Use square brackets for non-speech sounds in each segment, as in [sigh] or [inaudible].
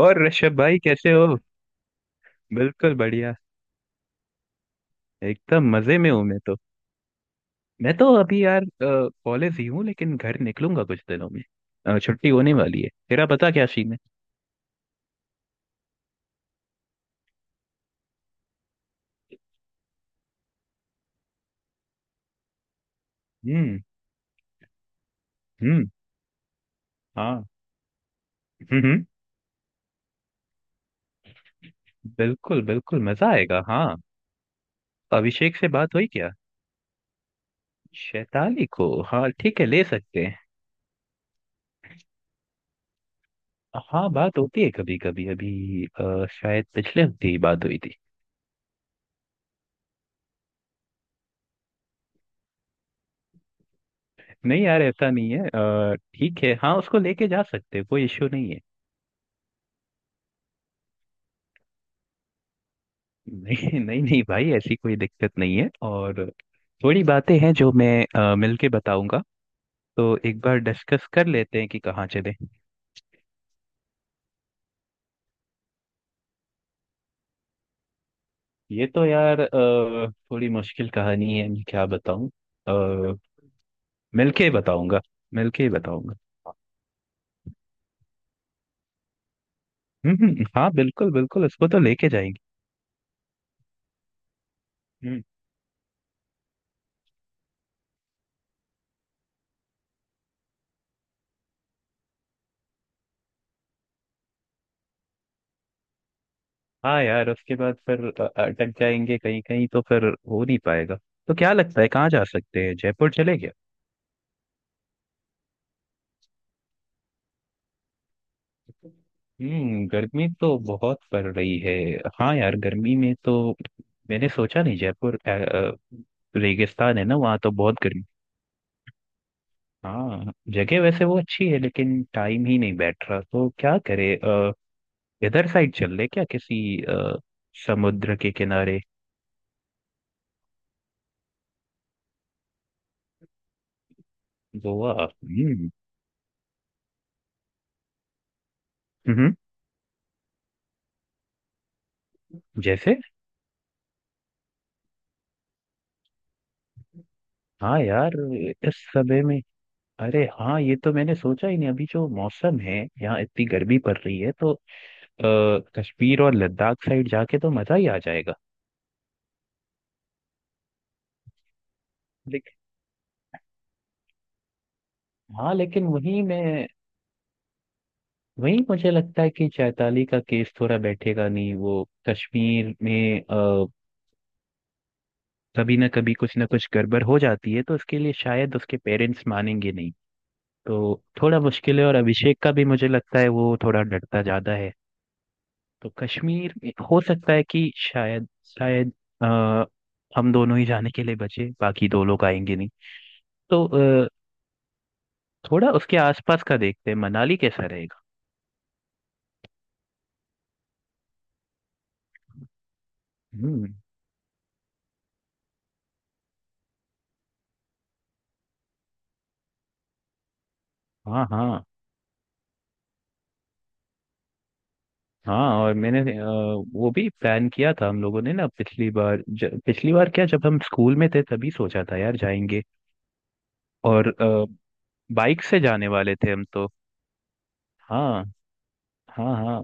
और ऋषभ भाई, कैसे हो? बिल्कुल बढ़िया, एकदम मजे में हूँ मैं तो। मैं तो अभी यार कॉलेज ही हूँ, लेकिन घर निकलूंगा कुछ दिनों में। छुट्टी होने वाली है, तेरा पता क्या सीन है? हम्म। हम्म। हाँ। हम्म। हम्म। बिल्कुल बिल्कुल, मजा आएगा, हाँ। अभिषेक से बात हुई क्या? शैताली को? हाँ ठीक है, ले सकते हैं। हाँ, बात होती है कभी कभी। अभी शायद पिछले हफ्ते ही बात हुई थी। नहीं यार, ऐसा नहीं है। ठीक है, हाँ, उसको लेके जा सकते हैं, कोई इश्यू नहीं है। नहीं नहीं नहीं भाई, ऐसी कोई दिक्कत नहीं है। और थोड़ी बातें हैं जो मैं मिलके बताऊंगा। तो एक बार डिस्कस कर लेते हैं कि कहाँ चले। ये तो यार थोड़ी मुश्किल कहानी है, मैं क्या बताऊं। अ, मिलके ही बताऊंगा। मिलके ही बताऊंगा। हम्म। हम्म। हाँ बिल्कुल बिल्कुल, उसको तो लेके जाएंगे। हम्म। हाँ यार, उसके बाद फिर अटक जाएंगे कहीं। कहीं तो फिर हो नहीं पाएगा। तो क्या लगता है, कहाँ जा सकते हैं? जयपुर चले? गर्मी तो बहुत पड़ रही है। हाँ यार, गर्मी में तो मैंने सोचा नहीं जयपुर। रेगिस्तान है ना, वहाँ तो बहुत गर्मी। हाँ, जगह वैसे वो अच्छी है लेकिन टाइम ही नहीं बैठ रहा, तो क्या करे। इधर साइड चल ले क्या किसी अ, समुद्र के किनारे। गोवा। हम्म। हम्म। जैसे? हाँ यार, इस समय में अरे हाँ, ये तो मैंने सोचा ही नहीं। अभी जो मौसम है यहाँ, इतनी गर्मी पड़ रही है, तो अ, कश्मीर और लद्दाख साइड जाके तो मजा ही आ जाएगा। लेकिन हाँ, लेकिन वही मैं, वही मुझे लगता है कि चैताली का केस थोड़ा बैठेगा नहीं। वो कश्मीर में कभी ना कभी कुछ ना कुछ गड़बड़ हो जाती है, तो उसके लिए शायद उसके पेरेंट्स मानेंगे नहीं। तो थोड़ा मुश्किल है। और अभिषेक का भी मुझे लगता है वो थोड़ा डरता ज्यादा है। तो कश्मीर में हो सकता है कि शायद शायद अ, हम दोनों ही जाने के लिए बचे, बाकी दो लोग आएंगे नहीं। तो थोड़ा उसके आसपास का देखते हैं, मनाली कैसा रहेगा? हम्म। हाँ हाँ। हाँ, और मैंने वो भी प्लान किया था हम लोगों ने ना, पिछली बार, पिछली बार क्या, जब हम स्कूल में थे तभी सोचा था यार जाएंगे। और बाइक से जाने वाले थे हम तो। हाँ। हाँ हाँ।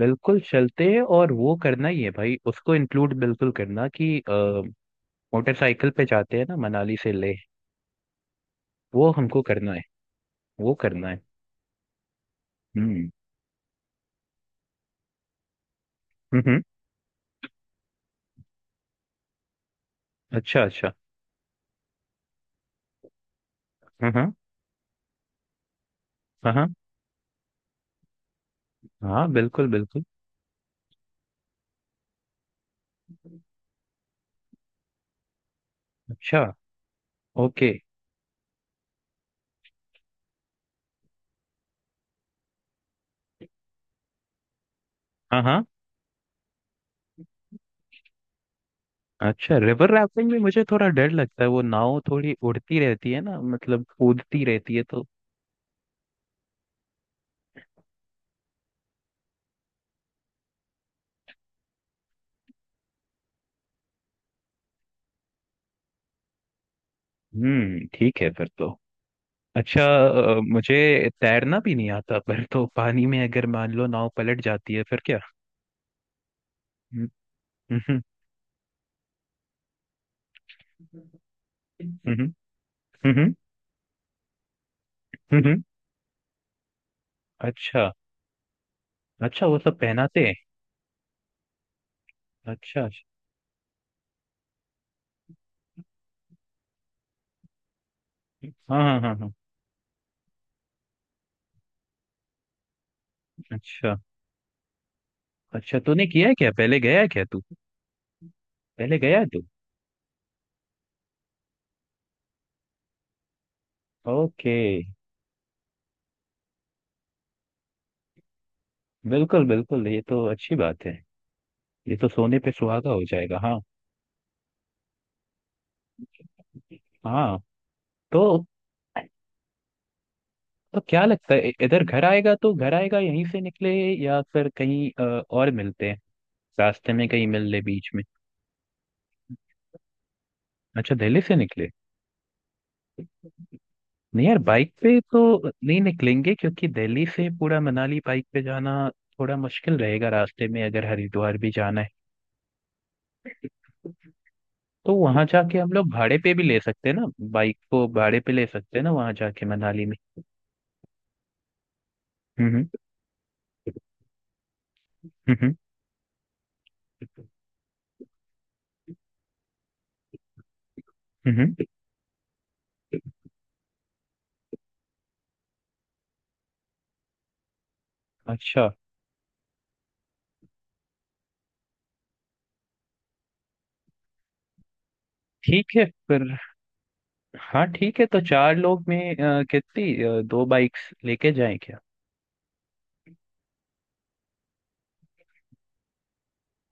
बिल्कुल चलते हैं, और वो करना ही है भाई, उसको इंक्लूड बिल्कुल करना कि मोटरसाइकिल पे जाते हैं ना मनाली से ले। वो हमको करना है। वो करना है। हम्म। हम्म। हम्म। अच्छा अच्छा। हाँ हाँ हाँ हाँ। बिल्कुल बिल्कुल। अच्छा। ओके। हाँ हाँ। अच्छा, रिवर राफ्टिंग भी मुझे थोड़ा डर लगता है, वो नाव थोड़ी उड़ती रहती है ना, मतलब कूदती रहती है तो। ठीक है फिर तो। अच्छा। मुझे तैरना भी नहीं आता, पर तो पानी में अगर मान लो नाव पलट जाती है फिर क्या? हम्म। हम्म। हम्म। हम्म। हम्म। हम्म। हम्म। अच्छा। अच्छा, वो सब पहनाते हैं? अच्छा अच्छा। हाँ हाँ हाँ हाँ। अच्छा अच्छा, तूने किया है क्या, पहले गया है क्या तू? पहले गया है तू? ओके। बिल्कुल बिल्कुल, ये तो अच्छी बात है। ये तो सोने पे सुहागा हो जाएगा, हाँ। हाँ। तो तो क्या लगता है, इधर घर आएगा तो घर आएगा, यहीं से निकले या फिर कहीं और मिलते हैं? रास्ते में कहीं मिल ले बीच में? अच्छा, दिल्ली से निकले। नहीं यार, बाइक पे तो नहीं निकलेंगे, क्योंकि दिल्ली से पूरा मनाली बाइक पे जाना थोड़ा मुश्किल रहेगा, रास्ते में अगर हरिद्वार भी जाना है। तो वहां जाके हम लोग भाड़े पे भी ले सकते हैं ना? बाइक को भाड़े पे ले सकते हैं ना वहां जाके मनाली में? हम्म। हम्म। हम्म। अच्छा। ठीक है फिर। हाँ ठीक है, तो चार लोग में कितनी दो बाइक्स लेके जाएं क्या?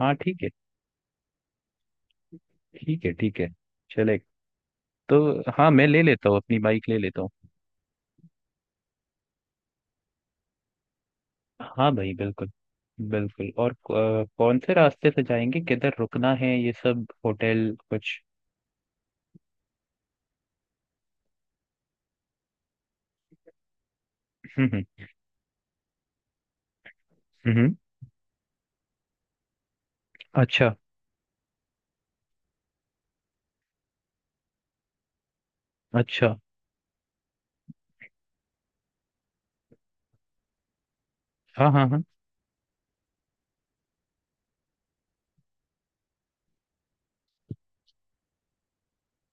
हाँ ठीक है, ठीक है ठीक है। चले। तो हाँ, मैं ले लेता हूँ, अपनी बाइक ले लेता हूँ। हाँ भाई, बिल्कुल बिल्कुल। और कौन से रास्ते से जाएंगे, किधर रुकना है, ये सब होटल कुछ। हम्म। हम्म। हम्म। अच्छा अच्छा। हाँ हाँ हाँ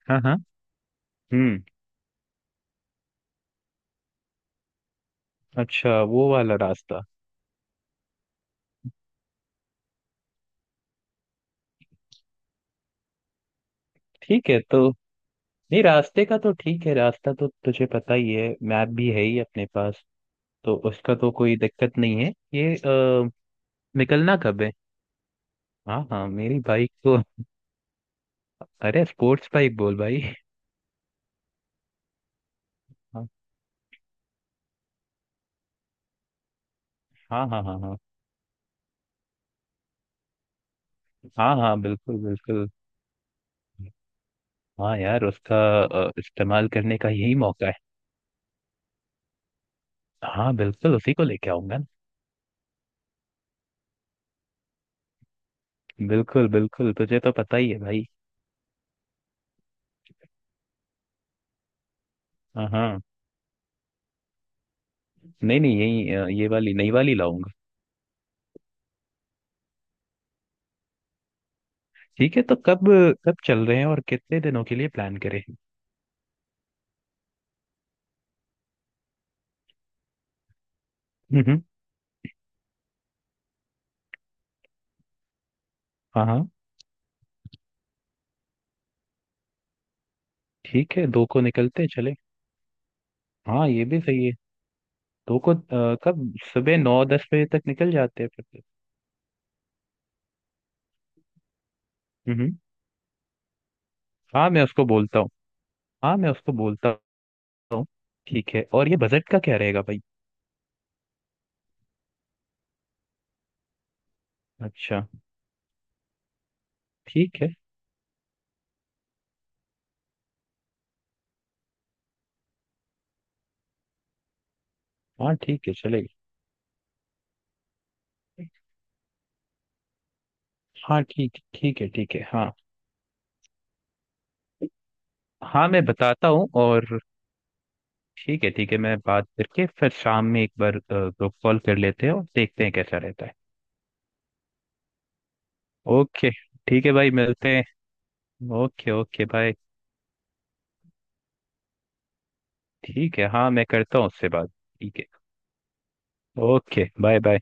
हाँ हाँ। हम्म। अच्छा, वो वाला रास्ता। ठीक है तो नहीं, रास्ते का तो ठीक है, रास्ता तो तुझे पता ही है। मैप भी है ही अपने पास। तो उसका तो कोई दिक्कत नहीं है, ये निकलना कब है? हाँ हाँ, मेरी बाइक तो [laughs] अरे स्पोर्ट्स बाइक बोल भाई। हाँ हाँ हाँ हाँ हाँ। हाँ हाँ बिल्कुल बिल्कुल। हाँ यार, उसका इस्तेमाल करने का यही मौका है। हाँ बिल्कुल, उसी को लेके आऊंगा ना। बिल्कुल बिल्कुल, तुझे तो पता ही है भाई। हाँ हाँ। नहीं नहीं, यही ये वाली नई वाली लाऊंगा। ठीक है तो कब, कब चल रहे हैं और कितने दिनों के लिए प्लान करें? [laughs] हाँ हाँ ठीक है, 2 को निकलते हैं, चले। हाँ, ये भी सही है। 2 को कब, सुबह 9-10 बजे तक निकल जाते हैं फिर तो। हम्म। हाँ, मैं उसको बोलता हूँ। हाँ, मैं उसको बोलता हूँ। ठीक है, और ये बजट का क्या रहेगा भाई? अच्छा। ठीक है। हाँ ठीक है, चलेगा। हाँ ठीक, ठीक है ठीक है, हाँ। हाँ, मैं बताता हूँ, और ठीक है ठीक है, मैं बात करके फिर शाम में एक बार ग्रुप कॉल कर लेते हैं और देखते हैं कैसा रहता है। ओके। ठीक है भाई, मिलते हैं। Okay okay, bye. ठीक है, हाँ मैं करता हूँ उससे बात, ठीक है। Okay bye bye.